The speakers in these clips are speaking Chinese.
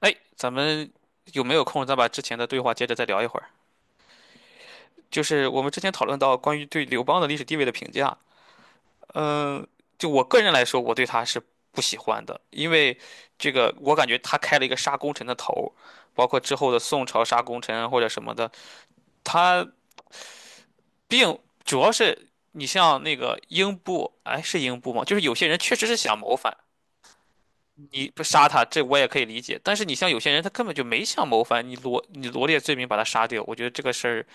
哎，咱们有没有空？再把之前的对话接着再聊一会儿。就是我们之前讨论到关于对刘邦的历史地位的评价，嗯，就我个人来说，我对他是不喜欢的，因为这个我感觉他开了一个杀功臣的头，包括之后的宋朝杀功臣或者什么的，他并主要是你像那个英布，哎，是英布吗？就是有些人确实是想谋反，你不杀他，这我也可以理解，但是你像有些人他根本就没想谋反，你罗列罪名把他杀掉，我觉得这个事儿。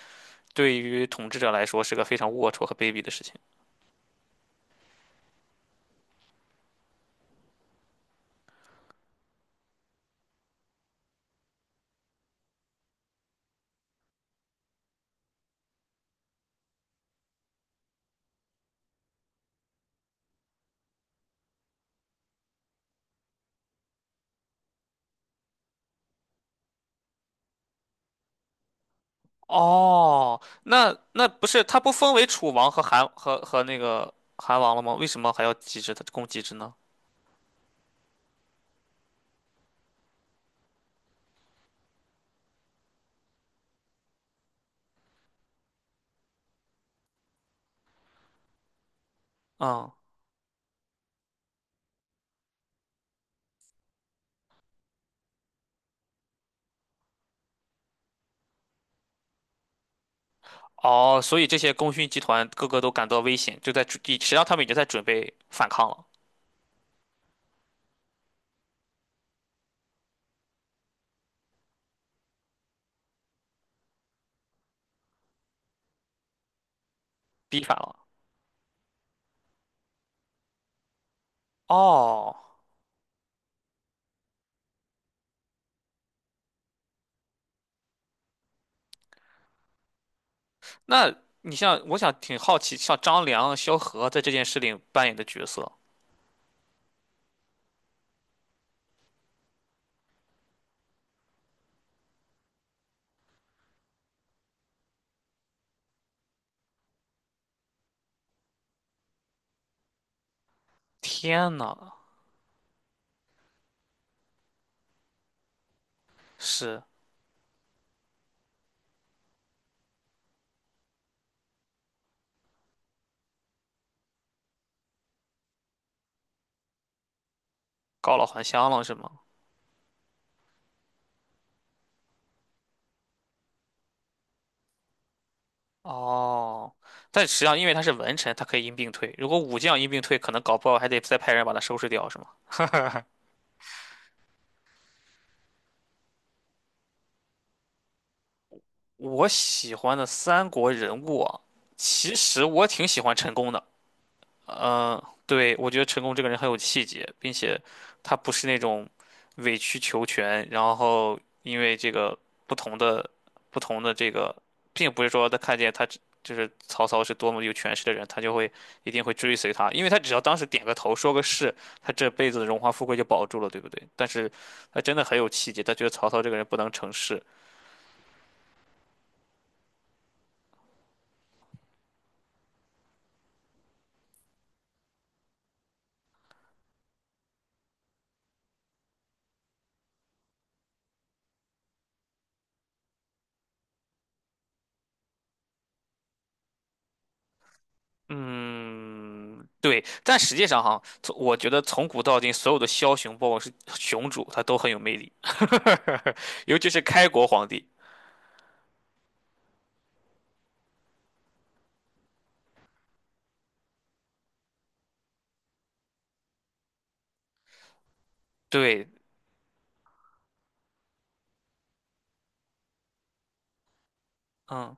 对于统治者来说是个非常龌龊和卑鄙的事情。哦，那那不是他不封为楚王和韩和那个韩王了吗？为什么还要机制的攻集制呢？嗯。哦，所以这些功勋集团个个都感到危险，就在准实际上他们已经在准备反抗了，逼反了。哦，那你像我想挺好奇，像张良、萧何在这件事里扮演的角色，天呐，是告老还乡了是吗？哦，但实际上因为他是文臣，他可以因病退。如果武将因病退，可能搞不好还得再派人把他收拾掉，是吗？我喜欢的三国人物啊，其实我挺喜欢陈宫的。嗯，对，我觉得陈宫这个人很有气节，并且他不是那种委曲求全，然后因为这个不同的不同的这个，并不是说他看见他只就是曹操是多么有权势的人，他就会一定会追随他，因为他只要当时点个头说个是，他这辈子的荣华富贵就保住了，对不对？但是他真的很有气节，他觉得曹操这个人不能成事，嗯，对，但实际上哈，从我觉得从古到今，所有的枭雄，包括是雄主，他都很有魅力，尤其是开国皇帝。对，嗯，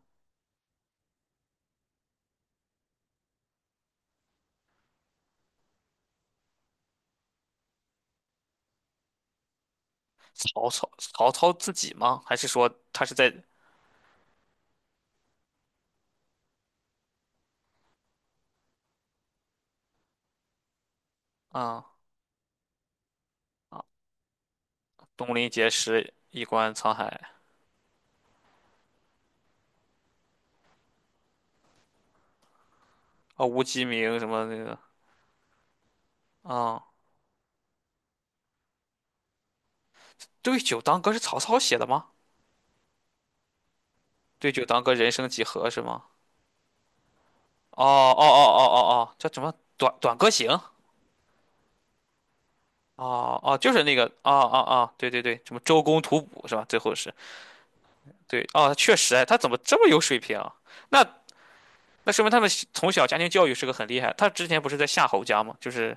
曹操，曹操自己吗？还是说他是在啊。啊，东临碣石，以观沧海。啊，无鸡鸣什么那个。啊？对酒当歌是曹操写的吗？对酒当歌，人生几何是吗？哦哦哦哦哦哦，叫什么？短歌行。哦哦，就是那个，哦哦哦，对对对，什么周公吐哺是吧？最后是，对，哦，他确实，哎，他怎么这么有水平啊？那那说明他们小从小家庭教育是个很厉害。他之前不是在夏侯家吗？就是，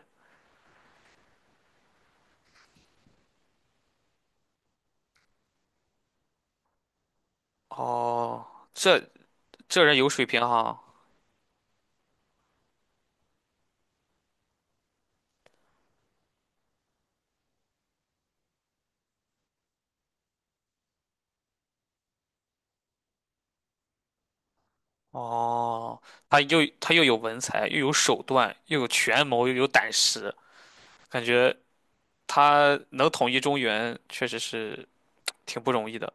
哦，这这人有水平哈、哦，他又有文采，又有手段，又有权谋，又有胆识，感觉他能统一中原，确实是挺不容易的。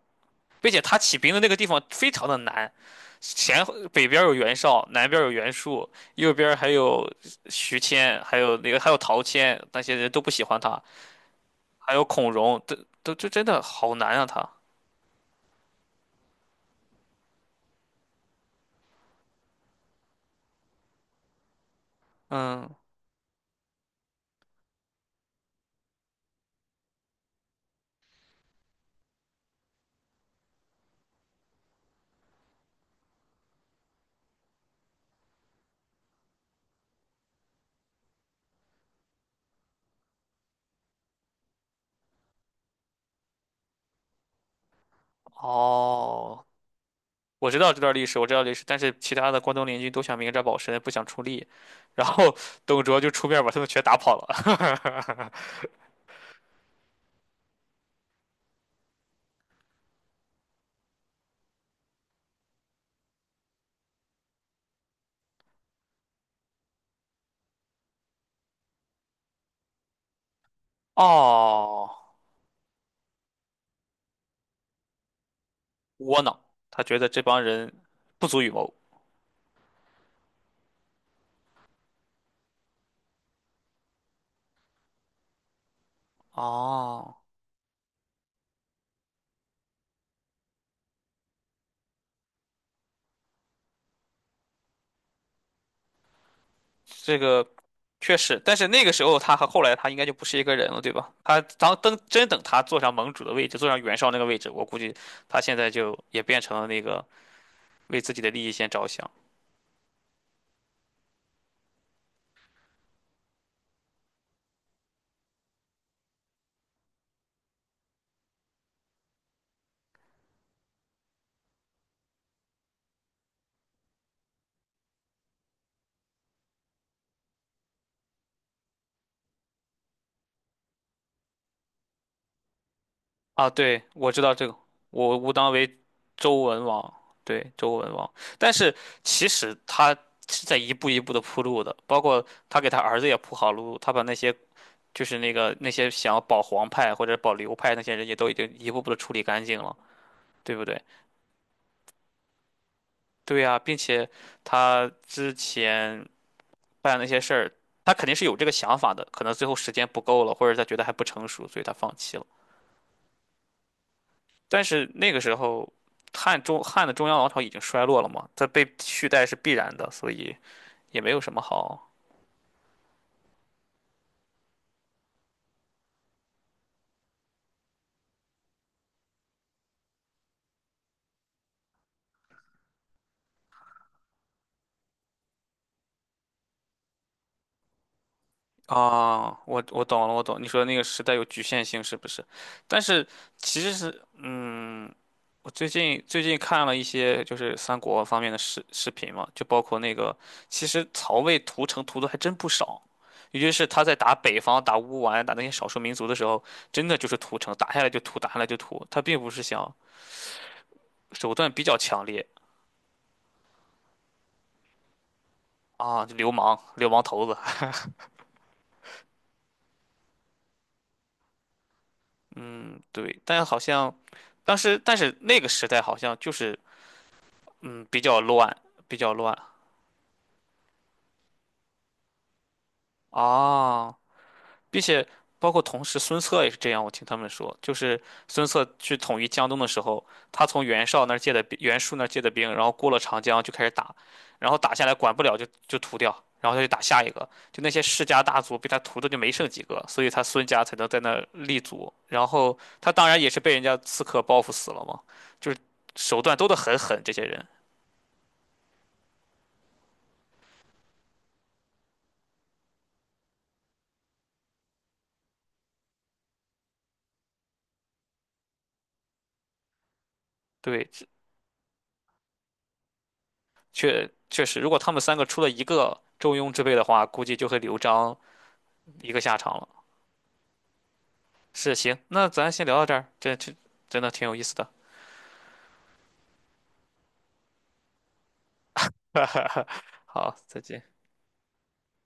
并且他起兵的那个地方非常的难，前北边有袁绍，南边有袁术，右边还有徐谦，还有那个还有陶谦，那些人都不喜欢他，还有孔融，都这真的好难啊他。嗯，哦，我知道这段历史，我知道历史，但是其他的关东联军都想明哲保身，不想出力，然后董卓就出面把他们全打跑了。哦，窝囊，他觉得这帮人不足与谋。哦。这个确实，但是那个时候他和后来他应该就不是一个人了，对吧？他当等真等他坐上盟主的位置，坐上袁绍那个位置，我估计他现在就也变成了那个为自己的利益先着想啊。对，我知道这个，我吾当为周文王，对，周文王。但是其实他是在一步一步的铺路的，包括他给他儿子也铺好路，他把那些。就是那个那些想要保皇派或者保刘派那些人也都已经一步步的处理干净了，对不对？对呀，并且他之前办那些事儿，他肯定是有这个想法的，可能最后时间不够了，或者他觉得还不成熟，所以他放弃了。但是那个时候，汉中汉的中央王朝已经衰落了嘛，他被取代是必然的，所以也没有什么好。啊，我我懂了，我懂。你说的那个时代有局限性，是不是？但是其实是，嗯，我最近看了一些就是三国方面的视视频嘛，就包括那个，其实曹魏屠城屠的还真不少，尤其是他在打北方、打乌丸、打那些少数民族的时候，真的就是屠城，打下来就屠，打下来就屠，他并不是想手段比较强烈啊，就流氓、流氓头子。嗯，对，但好像当时，但是那个时代好像就是。嗯，比较乱，比较乱啊，并且包括同时孙策也是这样，我听他们说，就是孙策去统一江东的时候，他从袁绍那儿借的兵袁术那儿借的兵，然后过了长江就开始打，然后打下来管不了就屠掉，然后他就打下一个，就那些世家大族被他屠的就没剩几个，所以他孙家才能在那儿立足，然后他当然也是被人家刺客报复死了嘛，就是手段都得很狠，这些人。对，确确实，如果他们三个出了一个中庸之辈的话，估计就会刘璋一个下场了。是，行，那咱先聊到这儿，这这真的挺有意思的。好，再见。